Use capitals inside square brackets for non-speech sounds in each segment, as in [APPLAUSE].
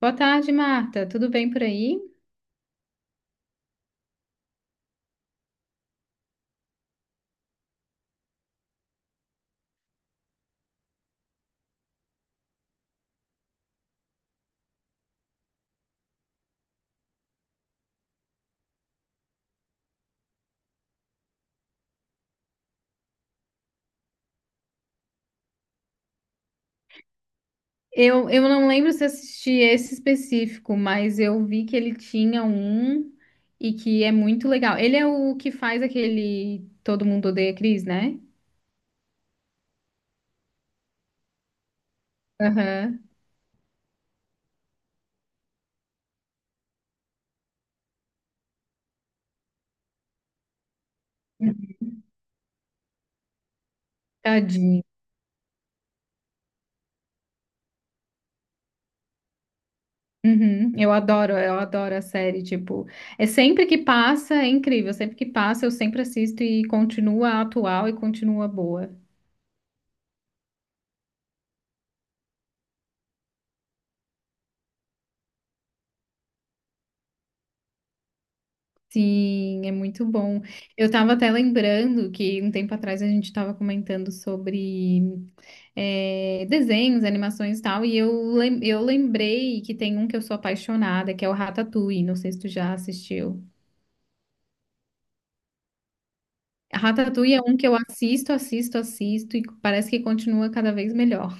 Boa tarde, Marta. Tudo bem por aí? Eu não lembro se assisti esse específico, mas eu vi que ele tinha um e que é muito legal. Ele é o que faz aquele Todo Mundo Odeia Chris, né? Aham. Tadinho. Uhum. Eu adoro a série, tipo, é sempre que passa, é incrível, sempre que passa eu sempre assisto e continua atual e continua boa. Sim, é muito bom. Eu estava até lembrando que um tempo atrás a gente estava comentando sobre desenhos, animações e tal, e eu lembrei que tem um que eu sou apaixonada, que é o Ratatouille. Não sei se tu já assistiu. Ratatouille é um que eu assisto, assisto, assisto, e parece que continua cada vez melhor.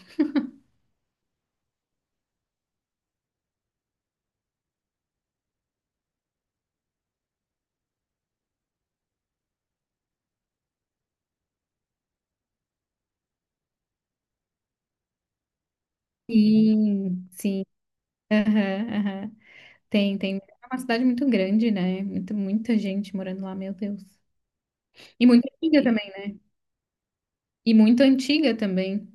Sim, sim. Aham, aham. Tem, tem. É uma cidade muito grande, né? Muita gente morando lá, meu Deus. E muito antiga também. E muito antiga também.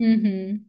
Uhum,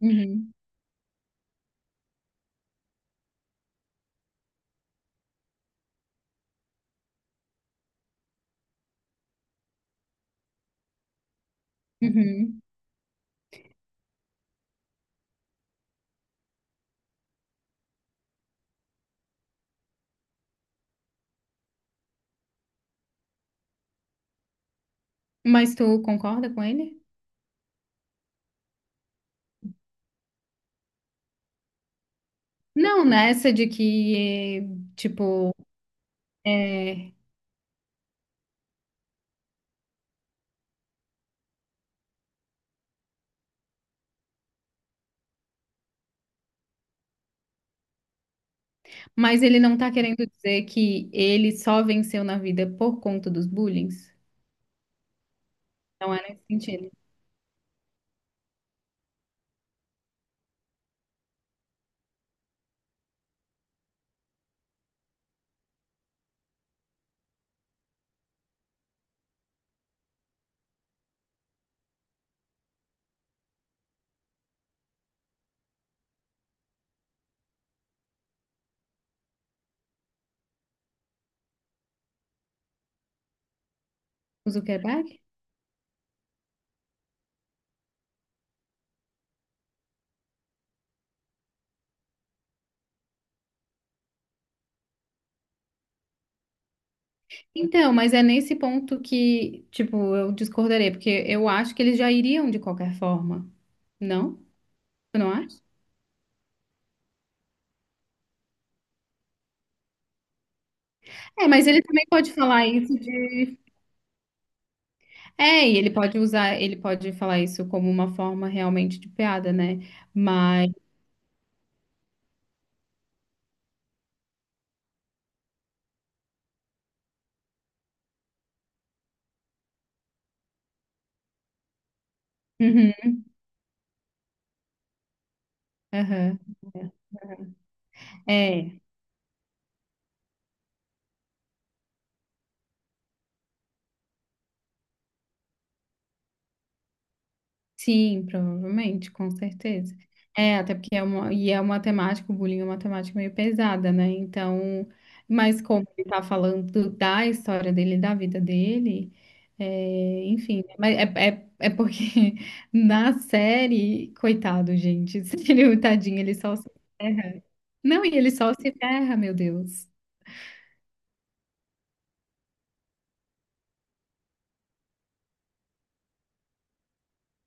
uhum, uhum. Mas tu concorda com ele? Não, nessa de que, tipo, é mas ele não tá querendo dizer que ele só venceu na vida por conta dos bullying? Não é nesse sentido. O Zuckerberg? Então, mas é nesse ponto que, tipo, eu discordarei, porque eu acho que eles já iriam de qualquer forma, não? Tu não acha? É, mas ele também pode falar isso de. É, e ele pode usar, ele pode falar isso como uma forma realmente de piada, né? Mas. [LAUGHS] Uhum, aham. É. É. Sim, provavelmente, com certeza. É, até porque é uma, e é uma temática, o bullying é uma temática meio pesada, né? Então, mas como ele tá falando da história dele, da vida dele, é, enfim, né? Mas é, é, é porque [LAUGHS] na série, coitado, gente, [LAUGHS] ele, tadinho, ele só se ferra. Não, e ele só se ferra, meu Deus.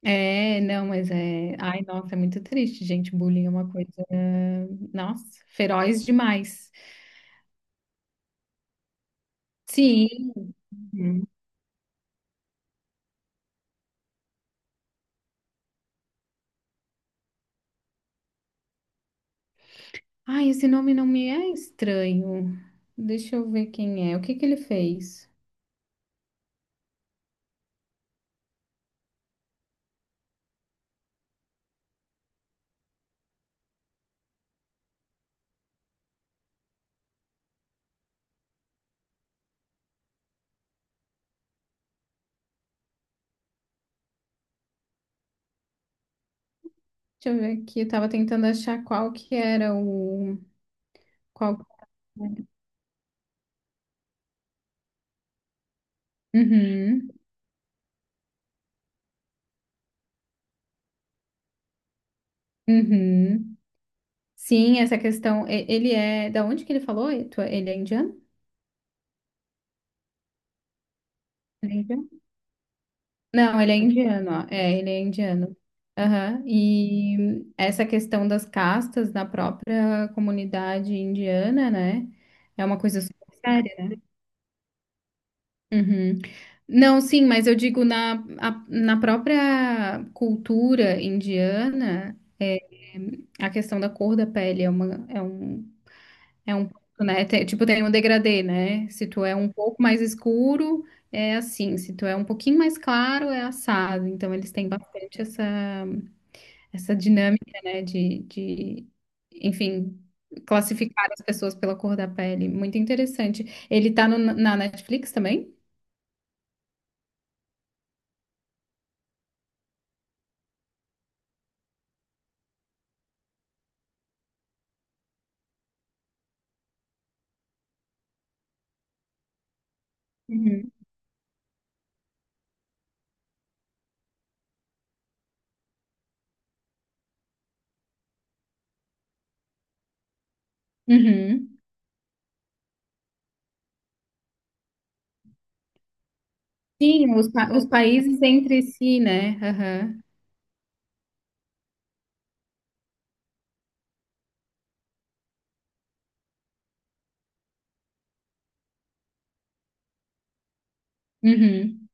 É, não, mas é. Ai, nossa, é muito triste, gente. Bullying é uma coisa, nossa, feroz demais. Sim. Uhum. Ai, esse nome não me é estranho. Deixa eu ver quem é. O que que ele fez? Deixa eu ver aqui. Eu tava tentando achar qual que era o. Qual... Uhum, uhum. Sim, essa questão. Ele é. Da onde que ele falou? Ele é indiano? Ele é indiano? Não, ele é indiano, ó. É, ele é indiano. Aham. E essa questão das castas na própria comunidade indiana, né? É uma coisa super séria, né? Uhum. Não, sim, mas eu digo na própria cultura indiana, a questão da cor da pele é um ponto, né? Tipo, tem um degradê, né? Se tu é um pouco mais escuro, é assim. Se tu é um pouquinho mais claro, é assado. Então, eles têm bastante essa, essa dinâmica, né? Enfim, classificar as pessoas pela cor da pele. Muito interessante. Ele tá na Netflix também? Uhum. Sim, os países entre si, né? Aham. Uhum.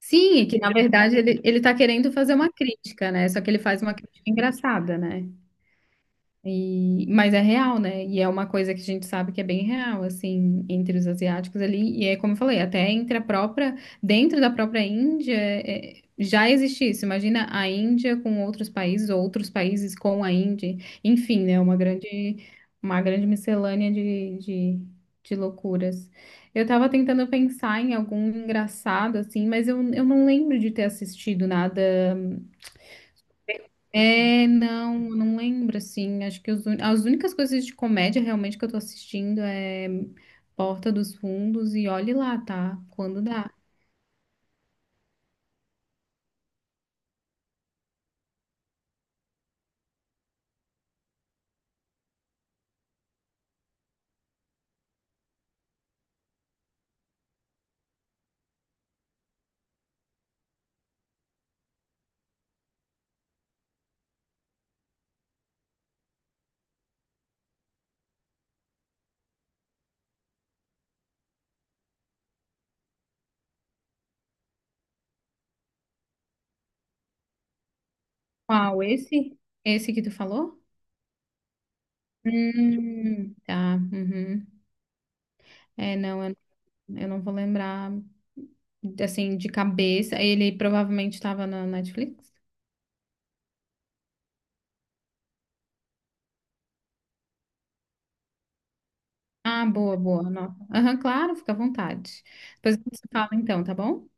Sim, e que na verdade ele tá querendo fazer uma crítica, né? Só que ele faz uma crítica engraçada, né? E, mas é real, né? E é uma coisa que a gente sabe que é bem real, assim, entre os asiáticos ali. E é como eu falei, até entre a própria, dentro da própria Índia, já existe isso. Imagina a Índia com outros países, ou outros países com a Índia. Enfim, né? Uma grande miscelânea de loucuras. Eu tava tentando pensar em algum engraçado, assim, mas eu não lembro de ter assistido nada. É, não, não lembro, assim. Acho que as únicas coisas de comédia realmente que eu tô assistindo é Porta dos Fundos e Olhe Lá, tá? Quando dá. Qual? Esse? Esse que tu falou? Tá. Uhum. É, não, eu não vou lembrar, assim, de cabeça. Ele provavelmente estava na Netflix. Ah, boa, boa. Nossa. Aham, claro, fica à vontade. Depois a gente se fala então, tá bom?